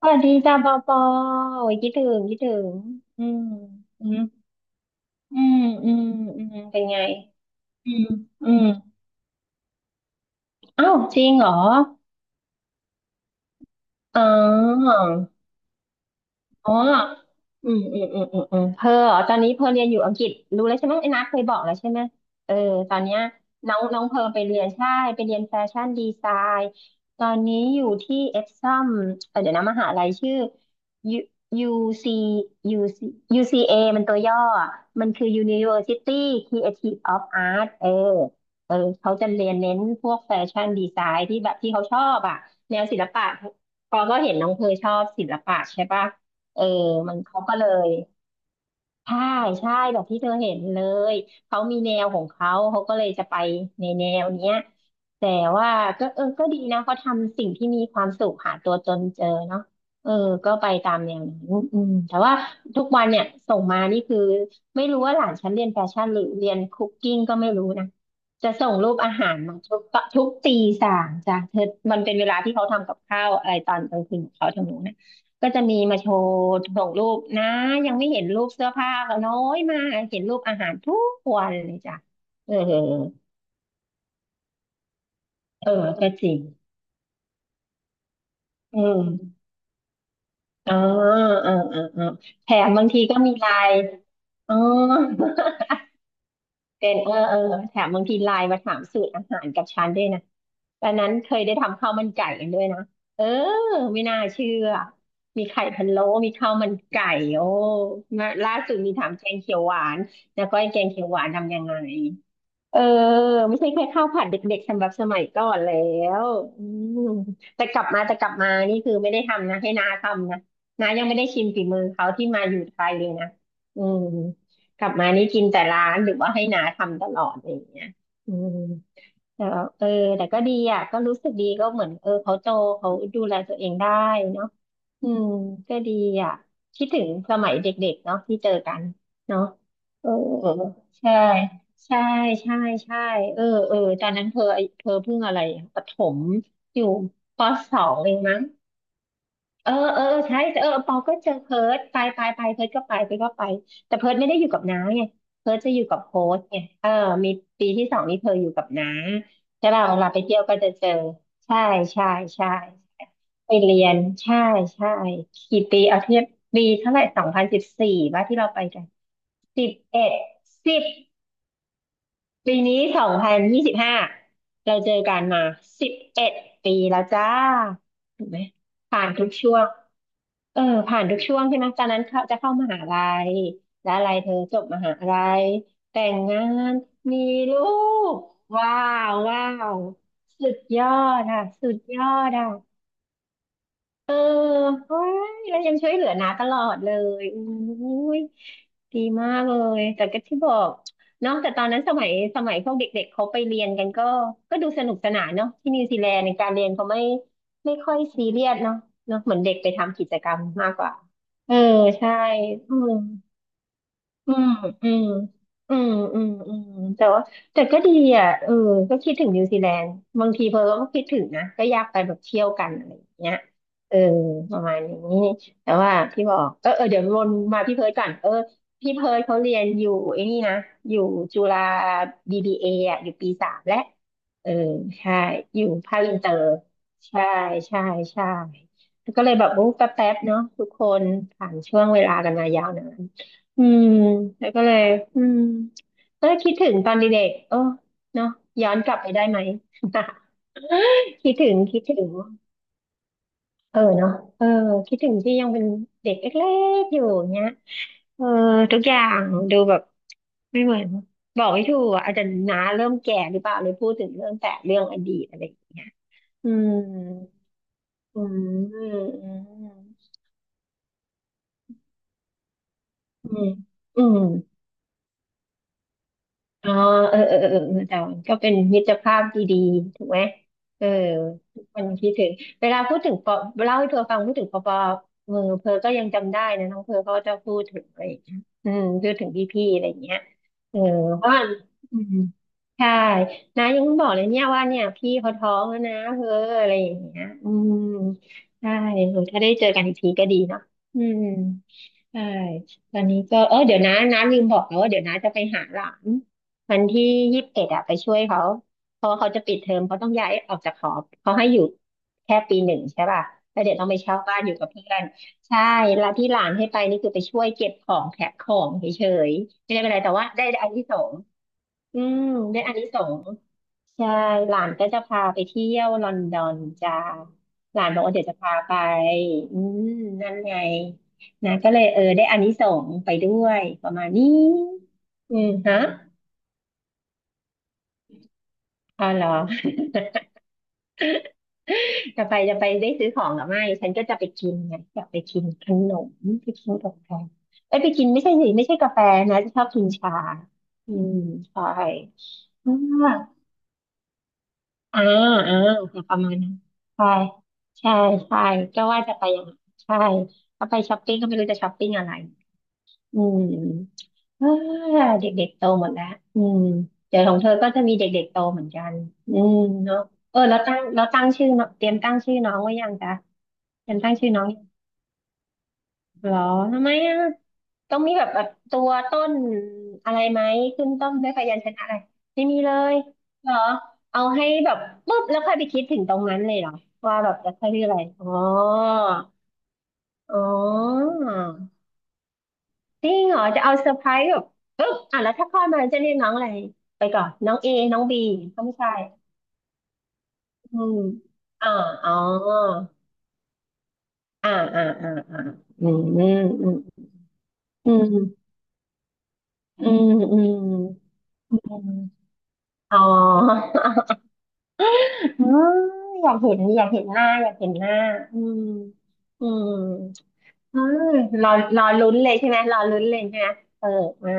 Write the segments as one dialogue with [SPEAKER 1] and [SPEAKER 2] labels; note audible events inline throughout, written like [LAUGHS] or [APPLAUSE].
[SPEAKER 1] สวัสดีจ้าปอปอโอ้ยคิดถึงคิดถึงอืมอืมอืมอืมอืมเป็นไงอืมอืมอ้าวจริงเหรออ๋อ อ๋ออืมเพออ๋อตอนนี้เพอเรียนอยู่อังกฤษรู้แล้วใช่ไหมไอ้นัทเคยบอกแล้วใช่ไหมเออตอนเนี้ยน้องน้องเพอไปเรียนใช่ ไปเรียนแฟชั่นดีไซน์ ตอนนี้อยู่ที่เอ็กซัมเออเดี๋ยวนะมหาลัยชื่อ U c UC UCA มันตัวย่ออะมันคือ University Creative of Art เออเออเขาจะเรียนเน้นพวกแฟชั่นดีไซน์ที่แบบที่เขาชอบอ่ะแนวศิลปะพอก็เห็นน้องเพอชอบศิลปะใช่ปะ เออมันเขาก็เลยใช่ใช่แบบที่เธอเห็นเลย เขามีแนวของเขา เขาก็เลยจะไปในแนวเนี้ยแต่ว่าก็เออก็ดีนะเขาทำสิ่งที่มีความสุขหาตัวตนเจอเนาะเออก็ไปตามแนวนั้นอืมแต่ว่าทุกวันเนี่ยส่งมานี่คือไม่รู้ว่าหลานฉันเรียนแฟชั่นหรือเรียนคุกกิ้งก็ไม่รู้นะจะส่งรูปอาหารมาทุกตีสามจ้ะเธอมันเป็นเวลาที่เขาทำกับข้าวอะไรตอนกลางคืนของเขาทางนู้นนะ ก็จะมีมาโชว์ส่งรูปนะยังไม่เห็นรูปเสื้อผ้าก็น้อยมากเห็นรูปอาหารทุกวันเลยจ้ะเออเออก็จริงอืมอ๋อเออเออเออแถมบางทีก็มีไลน์อ๋อ เป็นเออเออแถมบางทีไลน์มาถามสูตรอาหารกับฉันด้วยนะ ตอนนั้นเคยได้ทำข้าวมันไก่กันด้วยนะ เออไม่น่าเชื่อ มีไข่พะโล้มีข้าวมันไก่โอ้ล่าสุดมีถามแกงเขียวหวาน แล้วก็ไอ้แกงเขียวหวานทำยังไง เออไม่ใช่แค่ข้าวผัดเด็กๆสำหรับสมัยก่อนแล้วอืมแต่กลับมานี่คือไม่ได้ทำนะให้น้าทำนะน้ายังไม่ได้ชิมฝีมือเขาที่มาอยู่ไทยเลยนะอืมกลับมานี่กินแต่ร้านหรือว่าให้น้าทำตลอดอะไรอย่างเงี้ยอืม แต่ว่าเออแต่ก็ดีอ่ะก็รู้สึกดีก็เหมือนเออเขาโตเขาดูแลตัวเองได้เนาะอืมก็ดีอ่ะคิดถึงสมัยเด็กๆเนาะที่เจอกันเนาะเออใช่ใช่ใช่ใช่เออเออตอนนั้นเธอเพิ่งอะไรอะประถมอยู่ป.2เองมั้ง เออเออเออใช่เออปอก็เจอเพิร์ดไปเพิร์ดก็ไปแต่เพิร์ดไม่ได้อยู่กับน้าไงเพิร์ดจะอยู่กับโฮสต์ไงเออมีปีที่ 2นี่เพิร์ดอยู่กับน้าใช่ป่ะเวลาไปเที่ยวก็จะเจอใช่ใช่ใช่ไปเรียนใช่ใช่กี่ปีเอาเทียบปีเท่าไหร่2014ว่ะที่เราไปกันสิบเอ็ดสิบ ปีนี้2025เราเจอกันมา11 ปีแล้วจ้าถูกไหมผ่านทุกช่วงเออผ่านทุกช่วงใช่ไหมตอนนั้นเขาจะเข้ามหาลัยแล้วอะไรเธอจบมหาลัยแต่งงานมีลูกว้าวว้าวสุดยอดอ่ะสุดยอดอ่ะ เออเฮ้ยแล้วยังช่วยเหลือน้าตลอดเลยอุ้ยดีมากเลย แต่ก็ที่บอกเนาะแต่ตอนนั้นสมัยพวกเด็กๆเขาไปเรียนกันก็ดูสนุกสนานเนาะที่นิวซีแลนด์ในการเรียนเขาไม่ค่อยซีเรียสเนาะเนาะเหมือนเด็กไปทำกิจกรรมมากกว่า เออใช่อืม อืมอืมอืมอืม แต่ว่าแต่ก็ดีอ่ะเออก็คิดถึงนิวซีแลนด์บางทีเพอก็คิดถึงนะก็อยากไปแบบเที่ยวกันอะไรอย่างเงี้ยเออประมาณนี้แต่ว่าพี่บอกเออเออเดี๋ยววนมาพี่เพิร์ดก่อนเออพี่เพิร์ดเขาเรียนอยู่ไอ้นี่นะอยู่จุฬา BBA ออ่ะอยู่ปี 3แล้วเออใช่ อยู่ภาคอินเตอร์ ใช่ใช่ใช่ก็เลยแบบโอ้แป๊บๆเนาะทุกคนผ่านช่วงเวลากันมายาวนาน อืมแล้วก็เลยอืมก็เลยคิดถึงตอนเด็กๆเออเนาะย้อนกลับไปได้ไหม [LAUGHS] คิดถึงคิดถึงเออเนาะเออคิดถึงที่ยังเป็นเด็กเล็กๆอยู่เนี้ยเออทุกอย่างดูแบบไม่เหมือนบอกไม่ถูกอะอาจจะน้าเริ่มแก่หรือเปล่าเลยพูดถึงเรื่องแต่เรื่องอดีตอะไรอย่างเงี้ยอืมอืมอืมอืมอืม อ๋อเออเออเออเออแต่มันก็เป็นมิตรภาพดีๆถูกไหมเออทุกคนคิดถึงเวลาพูดถึงปอเล่าให้เธอฟังพูดถึงปอปอเออเพอก็ยังจำได้นะน้องเพอเขาจะพูดถึงอะไรอย่างเงี้ยอืมพูดถึงพี่ๆอะไรอย่างเงี้ยเออเพราะว่าอืมใช่นะยังบอกเลยเนี่ยว่าเนี่ยพี่เขาท้องแล้วนะเพออะไรอย่างเงี้ยอืมใช่เออถ้าได้เจอกันอีกทีก็ดีเนาะอืมใช่ตอนนี้ก็เออเดี๋ยวนะน้าลืมบอกแล้วว่าเดี๋ยวน้าจะไปหาหลาน วันที่21อะไปช่วยเขาเพราะว่าเขาจะปิดเทอมเขาต้องย้ายออกจากหอเขาให้อยู่แค่ปีหนึ่งใช่ป่ะแล้วเดี๋ยวต้องไปเช่าบ้านอยู่กับเพื่อนใช่แล้วที่หลานให้ไปนี่คือไปช่วยเก็บของแพ็คของเฉยๆไม่ได้เป็นไรแต่ว่าได้อานิสงส์อืมได้อานิสงส์ใช่หลานก็จะพาไปเที่ยวลอนดอนจ้าหลานบอกว่าเดี๋ยวจะพาไปอืมนั่นไงนะก็เลยเออได้อานิสงส์ไปด้วยประมาณนี้อืมฮะอ๋อเหรอ จะไปจะไปได้ซื้อของหรือไม่ฉันก็จะไปกินไงอยากไปกินขนมไปกินกาแฟเอ้ยไปกินไม่ใช่สิไม่ใช่กาแฟนะจะชอบกินชาอืมใช่อ่าอ่าอ่าจะประมาณนั้นใช่ใช่ใช่ก็ว่าจะไปอย่างนั้นใช่ก็ไปช้อปปิ้งก็ไม่รู้จะช้อปปิ้งอะไร อืมอ่าเด็กๆโตหมดแล้วอืมเดี๋ยวของเธอก็จะมีเด็กๆโตเหมือนกันอืมเนาะเออแล้วตั้งชื่อเนาะเตรียมตั้งชื่อน้องไว้ยังจ๊ะเตรียมตั้งชื่อน้องยังเหรอทำไมอ่ะต้องมีแบบแบบตัวต้นอะไรไหมขึ้นต้นด้วยพยัญชนะอะไรไม่มีเลยเหรอเอาให้แบบปุ๊บแล้วค่อยไปคิดถึงตรงนั้นเลยเหรอว่าแบบจะใช้ชื่ออะไรอ๋ออ๋อ จริงเหรอจะเอาเซอร์ไพรส์แบบปึ๊บอ่ะแล้วถ้าคลอดมาจะเรียกน้องอะไรไปก่อนน้องเอน้องบีก็ไม่ใช่อืมอ่าอ๋ออ่าอ่าอ่าอ่าอืมอืมอืมอืมอืมอืมอืม [LAUGHS] อ๋ออืมอยากเห็นอยากเห็นหน้าอยากเห็นหน้าอืมอืมเออรอรอลุ้นเลยใช่ไหมรอลุ้นเลยใช่ไหมเออมา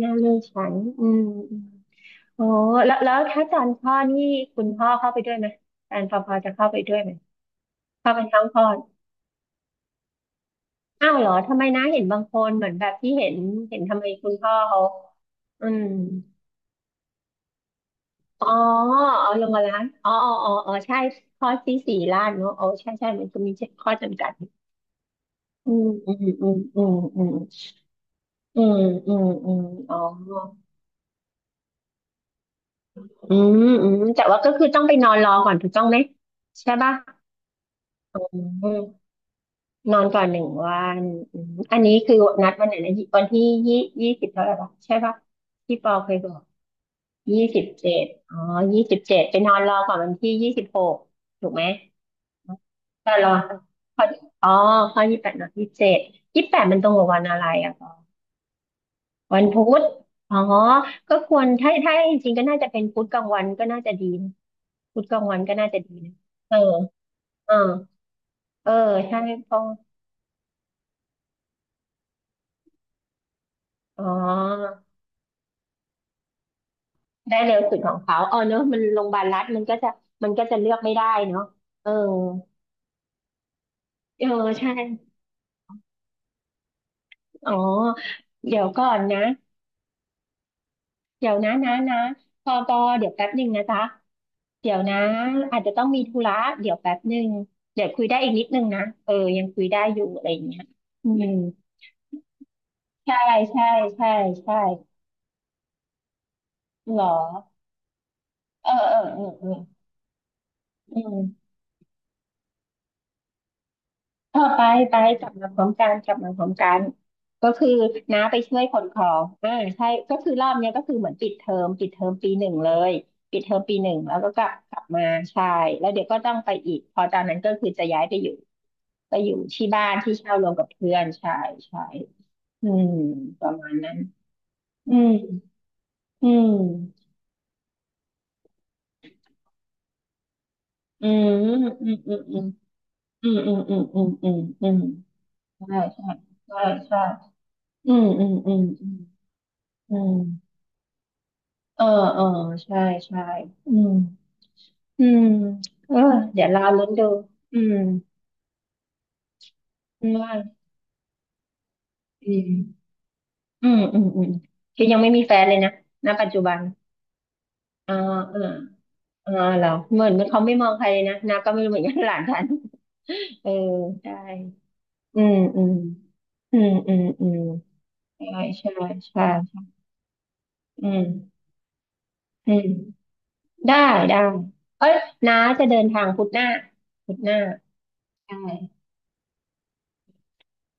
[SPEAKER 1] หน้าลูกฉันอืม โอ้แล้วแล้วถ้าจานพ่อนี่คุณพ่อเข้าไปด้วยไหมแฟนพอจะเข้าไปด้วยไหมเข้าไปทั้งพ่ออ้าวเหรอทำไมนะเห็นบางคนเหมือนแบบที่เห็นเห็นทำไมคุณพ่อเขาอืมอ๋อเอาลงมาล้างอ๋ออ๋ออ๋ออ๋อใช่ข้อที่สี่ล้านเนอะอ๋อใช่ใช่มันจะมีข้อจำกัดอืมอืมอืมอืมอืมอืมอืมอืมอ๋ออืมอืมแต่ว่าก็คือต้องไปนอนรอก่อนถูกต้องไหมใช่ป่ะอืม นอนก่อนหนึ่งวันอืมอันนี้คือนัดวันไหนนะวันที่ยี่ยี่สิบเท่าไหร่ปะใช่ปะที่ปอเคยบอกยี่สิบเจ็ดอ๋อยี่สิบเจ็ดไปนอนรอก่อนวันที่26ถูกไหมแต่รอข้ออ๋อข้อยี่แปดนอน27ยี่แปดมันตรงกับวันอะไรอ่ะปอวันพุธอ๋อก็ควรถ้าถ้าจริงๆก็น่าจะเป็นพุธกลางวันก็น่าจะดีนะพุธกลางวันก็น่าจะดีนะเออเออเออใช่เพราะอ๋อ ได้เร็วสุดของเขาเออเนอะมันโรงพยาบาลรัฐมันก็จะเลือกไม่ได้เนาะเออเออใช่อ๋อเดี๋ยวก่อนนะเดี๋ยวนะนะนะปอปอเดี๋ยวแป๊บหนึ่งนะจ๊ะเดี๋ยวนะอาจจะต้องมีธุระเดี๋ยวแป๊บหนึ่งเดี๋ยวคุยได้อีกนิดนึงนะเออยังคุยได้อยู่อะไรอย่างเงี้ยอืมใช่ใช่ใช่ ใช่หรอเออเออเออเอออืม เออไปกลับมาพร้อมกันกลับมาพร้อมกันก็คือน้าไปช่วยขนของอ่าใช่ก็คือรอบเนี้ยก็คือเหมือนปิดเทอมปีหนึ่งเลยปิดเทอมปีหนึ่งแล้วก็กลับมาใช่แล้วเดี๋ยวก็ต้องไปอีกพอตอนนั้นก็คือจะย้ายไปอยู่ที่บ้านที่เช่ารวมกับเพื่อนใช่ใช่อืมประมาณนั้นอืมอืมอืมอืมอืมอืมอืมอืมอืมอืมอืมอืมใช่ใช่ใช่ใช่อืมอืมอืมอืมอืม เออเออใช่ใช่อืมอืมเออเดี๋ยวเราลุ้นดูอืมว่าอืมอืมอืมอืมคือยังไม่มีแฟนเลยนะณปัจจุบันอ่าเอออ่าเหรอเหมือนเขาไม่มองใครเลยนะนาก็ไม่รู้เหมือนกันหลานฉันเออใช่อืมอืมอืมอืมอืมใช่ใช่ใช่อืมอืมได้ได้เอ้ยน้าจะเดินทางพุธหน้าพุธหน้าใช่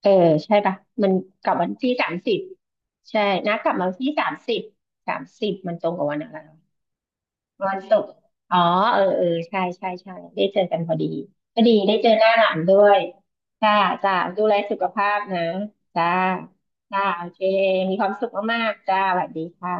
[SPEAKER 1] เออใช่ปะมันกลับวันที่สามสิบใช่นะกลับมาวันที่สามสิบสามสิบมันตรงกับวันอะไรวันศุกร์อ๋อเออเออใช่ใช่ใช่ได้เจอกันพอดีก็ดีได้เจอหน้าหลานด้วยจ้าจ้าดูแลสุขภาพนะจ้าจ้าโอเคมีความสุขมากๆจ้าสวัสดีค่ะ